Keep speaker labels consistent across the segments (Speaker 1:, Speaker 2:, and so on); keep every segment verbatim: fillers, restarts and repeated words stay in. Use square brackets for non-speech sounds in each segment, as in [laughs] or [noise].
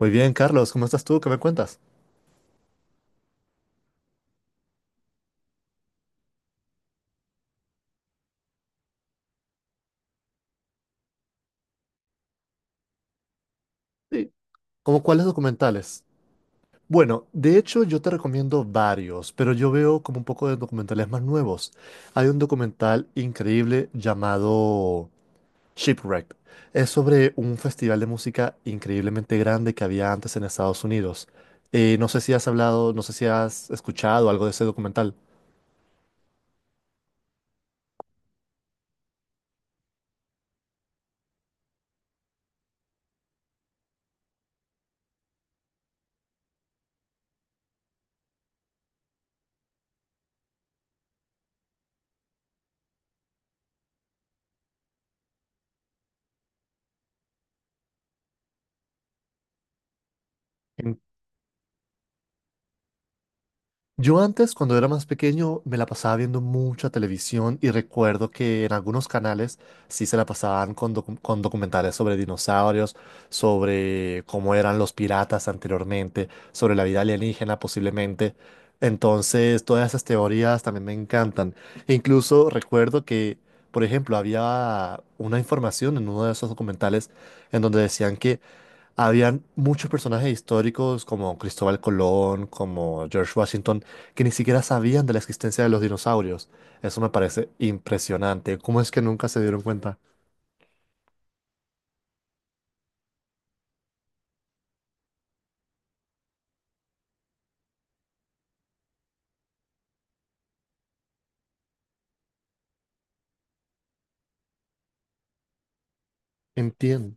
Speaker 1: Muy bien, Carlos, ¿cómo estás tú? ¿Qué me cuentas? Sí. ¿Cómo cuáles documentales? Bueno, de hecho yo te recomiendo varios, pero yo veo como un poco de documentales más nuevos. Hay un documental increíble llamado Shipwrecked. Es sobre un festival de música increíblemente grande que había antes en Estados Unidos. Eh, no sé si has hablado, no sé si has escuchado algo de ese documental. Yo antes, cuando era más pequeño, me la pasaba viendo mucha televisión y recuerdo que en algunos canales sí se la pasaban con, docu- con documentales sobre dinosaurios, sobre cómo eran los piratas anteriormente, sobre la vida alienígena posiblemente. Entonces, todas esas teorías también me encantan. E incluso recuerdo que, por ejemplo, había una información en uno de esos documentales en donde decían que habían muchos personajes históricos como Cristóbal Colón, como George Washington, que ni siquiera sabían de la existencia de los dinosaurios. Eso me parece impresionante. ¿Cómo es que nunca se dieron cuenta? Entiendo.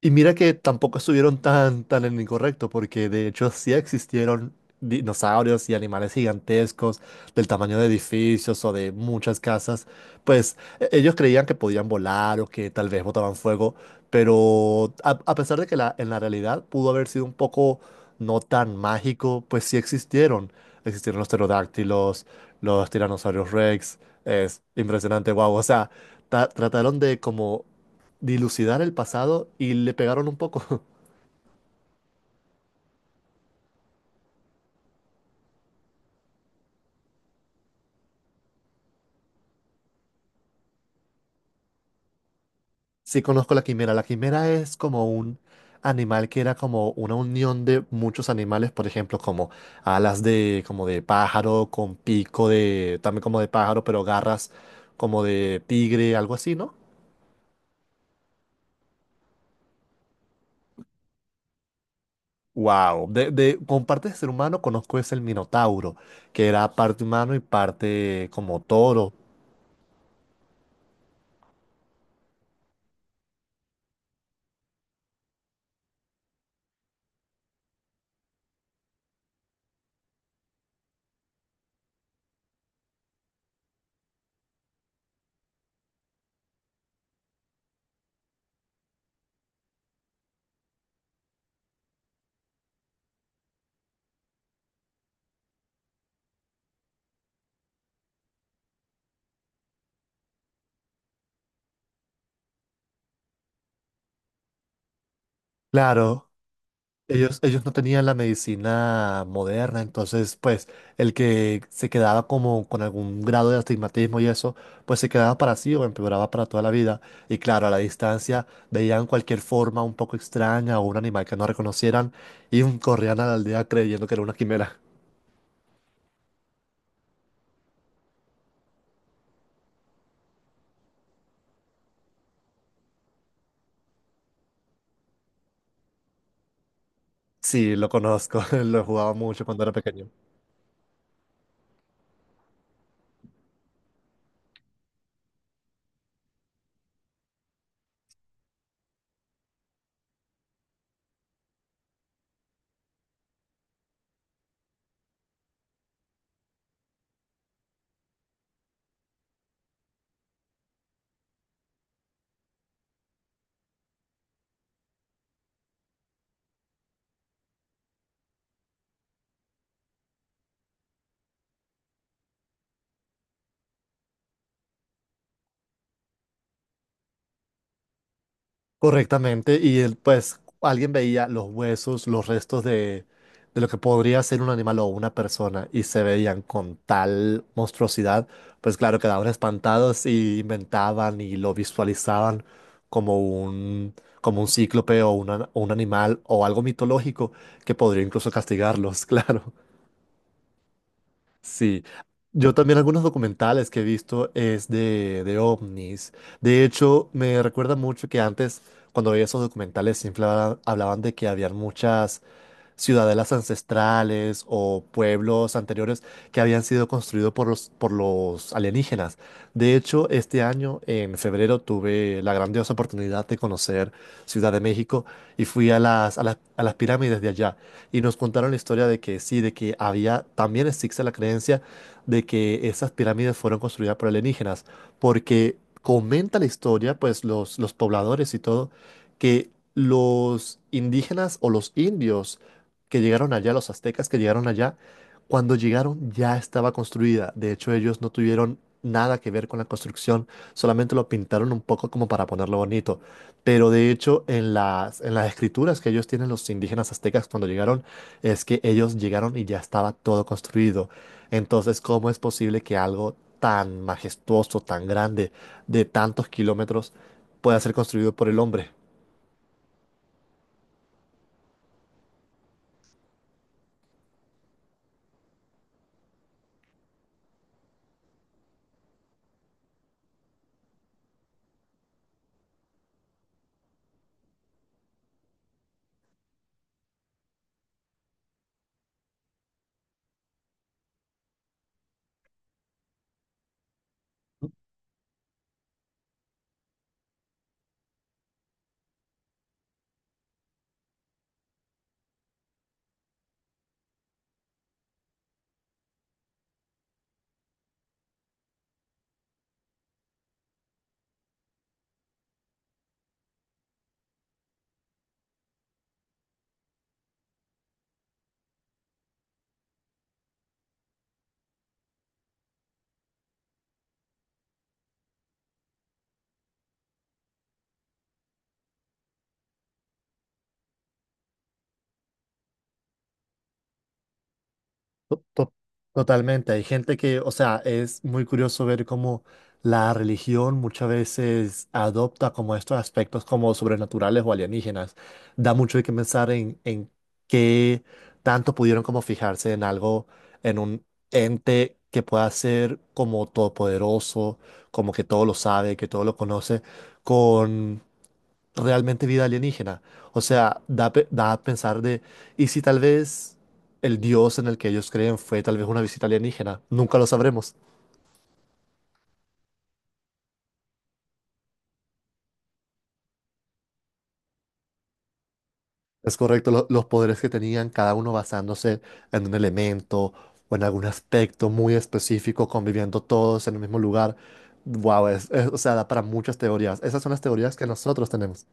Speaker 1: Y mira que tampoco estuvieron tan, tan en lo incorrecto, porque de hecho sí existieron dinosaurios y animales gigantescos del tamaño de edificios o de muchas casas. Pues e- ellos creían que podían volar o que tal vez botaban fuego, pero a, a pesar de que la, en la realidad pudo haber sido un poco no tan mágico, pues sí existieron. Existieron los pterodáctilos, los tiranosaurios Rex. Es impresionante, wow. O sea, ta- trataron de como dilucidar el pasado y le pegaron un poco. [laughs] Sí conozco la quimera. La quimera es como un animal que era como una unión de muchos animales, por ejemplo, como alas de como de pájaro con pico de también como de pájaro, pero garras como de tigre, algo así, ¿no? Wow, de, de con parte de ser humano conozco es el minotauro, que era parte humano y parte como toro. Claro, Ellos, ellos no tenían la medicina moderna, entonces pues el que se quedaba como con algún grado de astigmatismo y eso, pues se quedaba para sí o empeoraba para toda la vida. Y claro, a la distancia veían cualquier forma un poco extraña o un animal que no reconocieran y um, corrían a la aldea creyendo que era una quimera. Sí, lo conozco, [laughs] lo jugaba mucho cuando era pequeño. Correctamente, y él, pues alguien veía los huesos, los restos de, de lo que podría ser un animal o una persona y se veían con tal monstruosidad, pues claro, quedaban espantados y inventaban y lo visualizaban como un, como un cíclope o una- o un animal o algo mitológico que podría incluso castigarlos, [laughs] claro. Sí, yo también algunos documentales que he visto es de, de ovnis. De hecho, me recuerda mucho que antes, cuando veía esos documentales, siempre habla- hablaban de que habían muchas ciudadelas ancestrales o pueblos anteriores que habían sido construidos por los, por los alienígenas. De hecho, este año, en febrero, tuve la grandiosa oportunidad de conocer Ciudad de México y fui a las, a las, a las pirámides de allá y nos contaron la historia de que sí, de que había, también existe la creencia de que esas pirámides fueron construidas por alienígenas, porque comenta la historia, pues los, los pobladores y todo, que los indígenas o los indios que llegaron allá, los aztecas que llegaron allá, cuando llegaron ya estaba construida. De hecho, ellos no tuvieron nada que ver con la construcción, solamente lo pintaron un poco como para ponerlo bonito. Pero de hecho, en las, en las escrituras que ellos tienen los indígenas aztecas cuando llegaron, es que ellos llegaron y ya estaba todo construido. Entonces, ¿cómo es posible que algo tan majestuoso, tan grande, de tantos kilómetros, pueda ser construido por el hombre? To- to- Totalmente, hay gente que, o sea, es muy curioso ver cómo la religión muchas veces adopta como estos aspectos como sobrenaturales o alienígenas. Da mucho de qué pensar en, en qué tanto pudieron como fijarse en algo, en un ente que pueda ser como todopoderoso, como que todo lo sabe, que todo lo conoce, realmente vida alienígena. O sea, da, pe- da a pensar de, ¿y si tal vez el dios en el que ellos creen fue tal vez una visita alienígena? Nunca lo sabremos. Es correcto, lo- los poderes que tenían, cada uno basándose en un elemento o en algún aspecto muy específico, conviviendo todos en el mismo lugar. Wow, es, es- o sea, da para muchas teorías. Esas son las teorías que nosotros tenemos.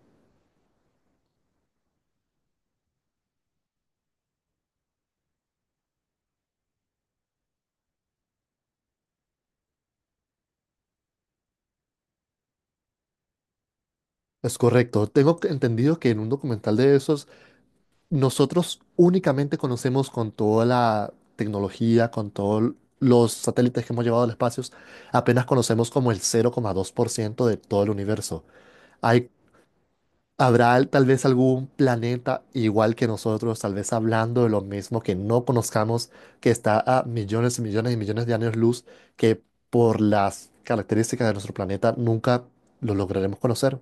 Speaker 1: Es correcto. Tengo que- entendido que en un documental de esos nosotros únicamente conocemos con toda la tecnología, con todos los satélites que hemos llevado al espacio, apenas conocemos como el cero coma dos por ciento de todo el universo. Hay, Habrá al- tal vez algún planeta igual que nosotros, tal vez hablando de lo mismo que no conozcamos, que está a millones y millones y millones de años luz, que por las características de nuestro planeta nunca lo lograremos conocer.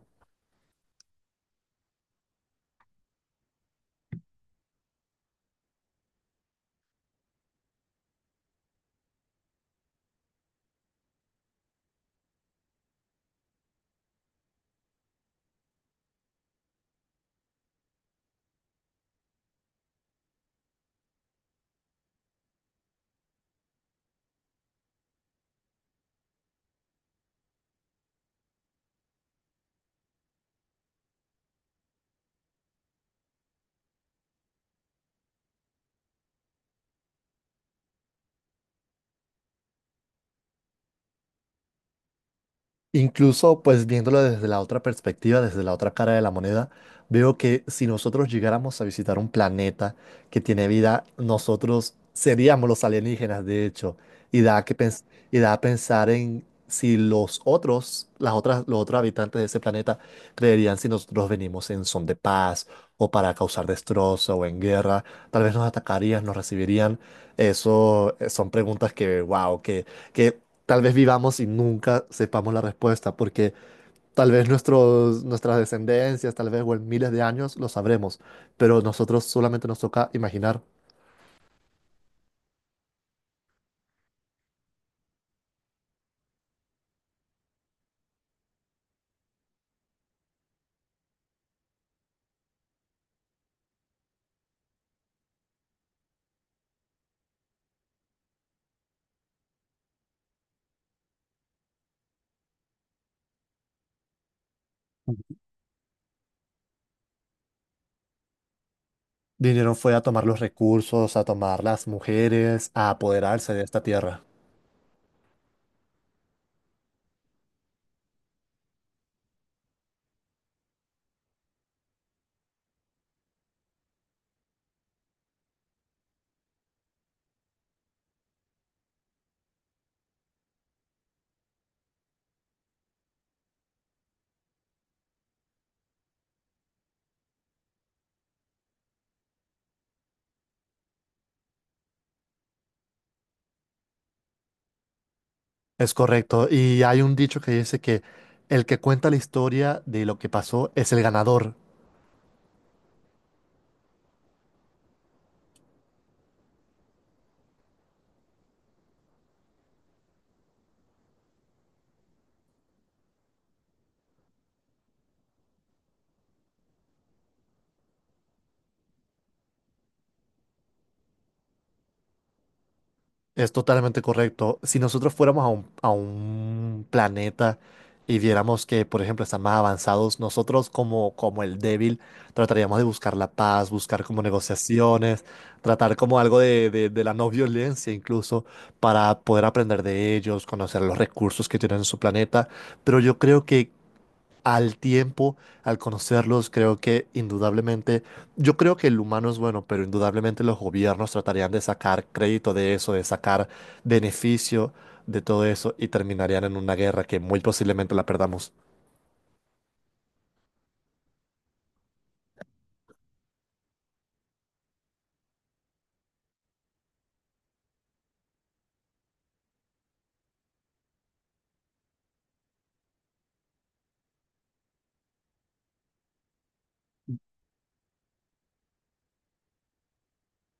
Speaker 1: Incluso, pues viéndolo desde la otra perspectiva, desde la otra cara de la moneda, veo que si nosotros llegáramos a visitar un planeta que tiene vida, nosotros seríamos los alienígenas, de hecho, y da que pens- y da a pensar en si los otros, las otras, los otros habitantes de ese planeta creerían si nosotros venimos en son de paz o para causar destrozo o en guerra, tal vez nos atacarían, nos recibirían. Eso eh, son preguntas que, wow, que que tal vez vivamos y nunca sepamos la respuesta, porque tal vez nuestros, nuestras descendencias, tal vez o en miles de años lo sabremos, pero nosotros solamente nos toca imaginar. Vinieron fue a tomar los recursos, a tomar las mujeres, a apoderarse de esta tierra. Es correcto. Y hay un dicho que dice que el que cuenta la historia de lo que pasó es el ganador. Es totalmente correcto. Si nosotros fuéramos a un, a un planeta y viéramos que, por ejemplo, están más avanzados, nosotros como, como el débil trataríamos de buscar la paz, buscar como negociaciones, tratar como algo de, de, de la no violencia incluso, para poder aprender de ellos, conocer los recursos que tienen en su planeta. Pero yo creo que al tiempo, al conocerlos, creo que indudablemente, yo creo que el humano es bueno, pero indudablemente los gobiernos tratarían de sacar crédito de eso, de sacar beneficio de todo eso y terminarían en una guerra que muy posiblemente la perdamos.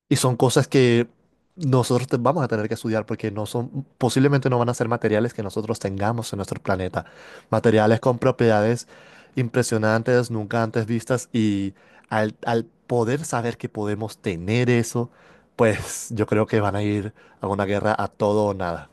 Speaker 1: Y son cosas que nosotros te- vamos a tener que estudiar porque no son, posiblemente no van a ser materiales que nosotros tengamos en nuestro planeta. Materiales con propiedades impresionantes, nunca antes vistas y al, al poder saber que podemos tener eso, pues yo creo que van a ir a una guerra a todo o nada.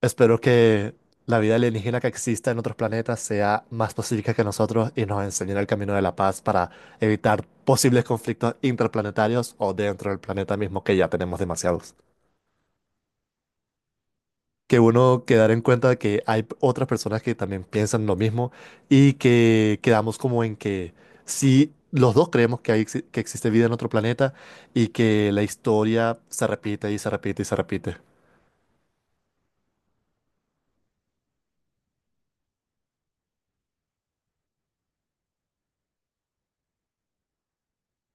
Speaker 1: Espero que la vida alienígena que exista en otros planetas sea más pacífica que nosotros y nos enseñen el camino de la paz para evitar posibles conflictos interplanetarios o dentro del planeta mismo, que ya tenemos demasiados. Que uno quedar en cuenta de que hay otras personas que también piensan lo mismo y que quedamos como en que si los dos creemos que, hay, exi- que existe vida en otro planeta y que la historia se repite y se repite y se repite.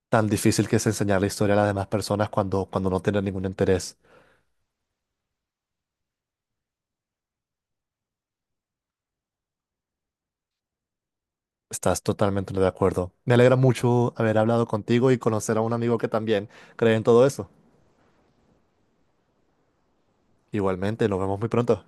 Speaker 1: Tan difícil que es enseñar la historia a las demás personas cuando, cuando no tienen ningún interés. Estás totalmente de acuerdo. Me alegra mucho haber hablado contigo y conocer a un amigo que también cree en todo eso. Igualmente, nos vemos muy pronto.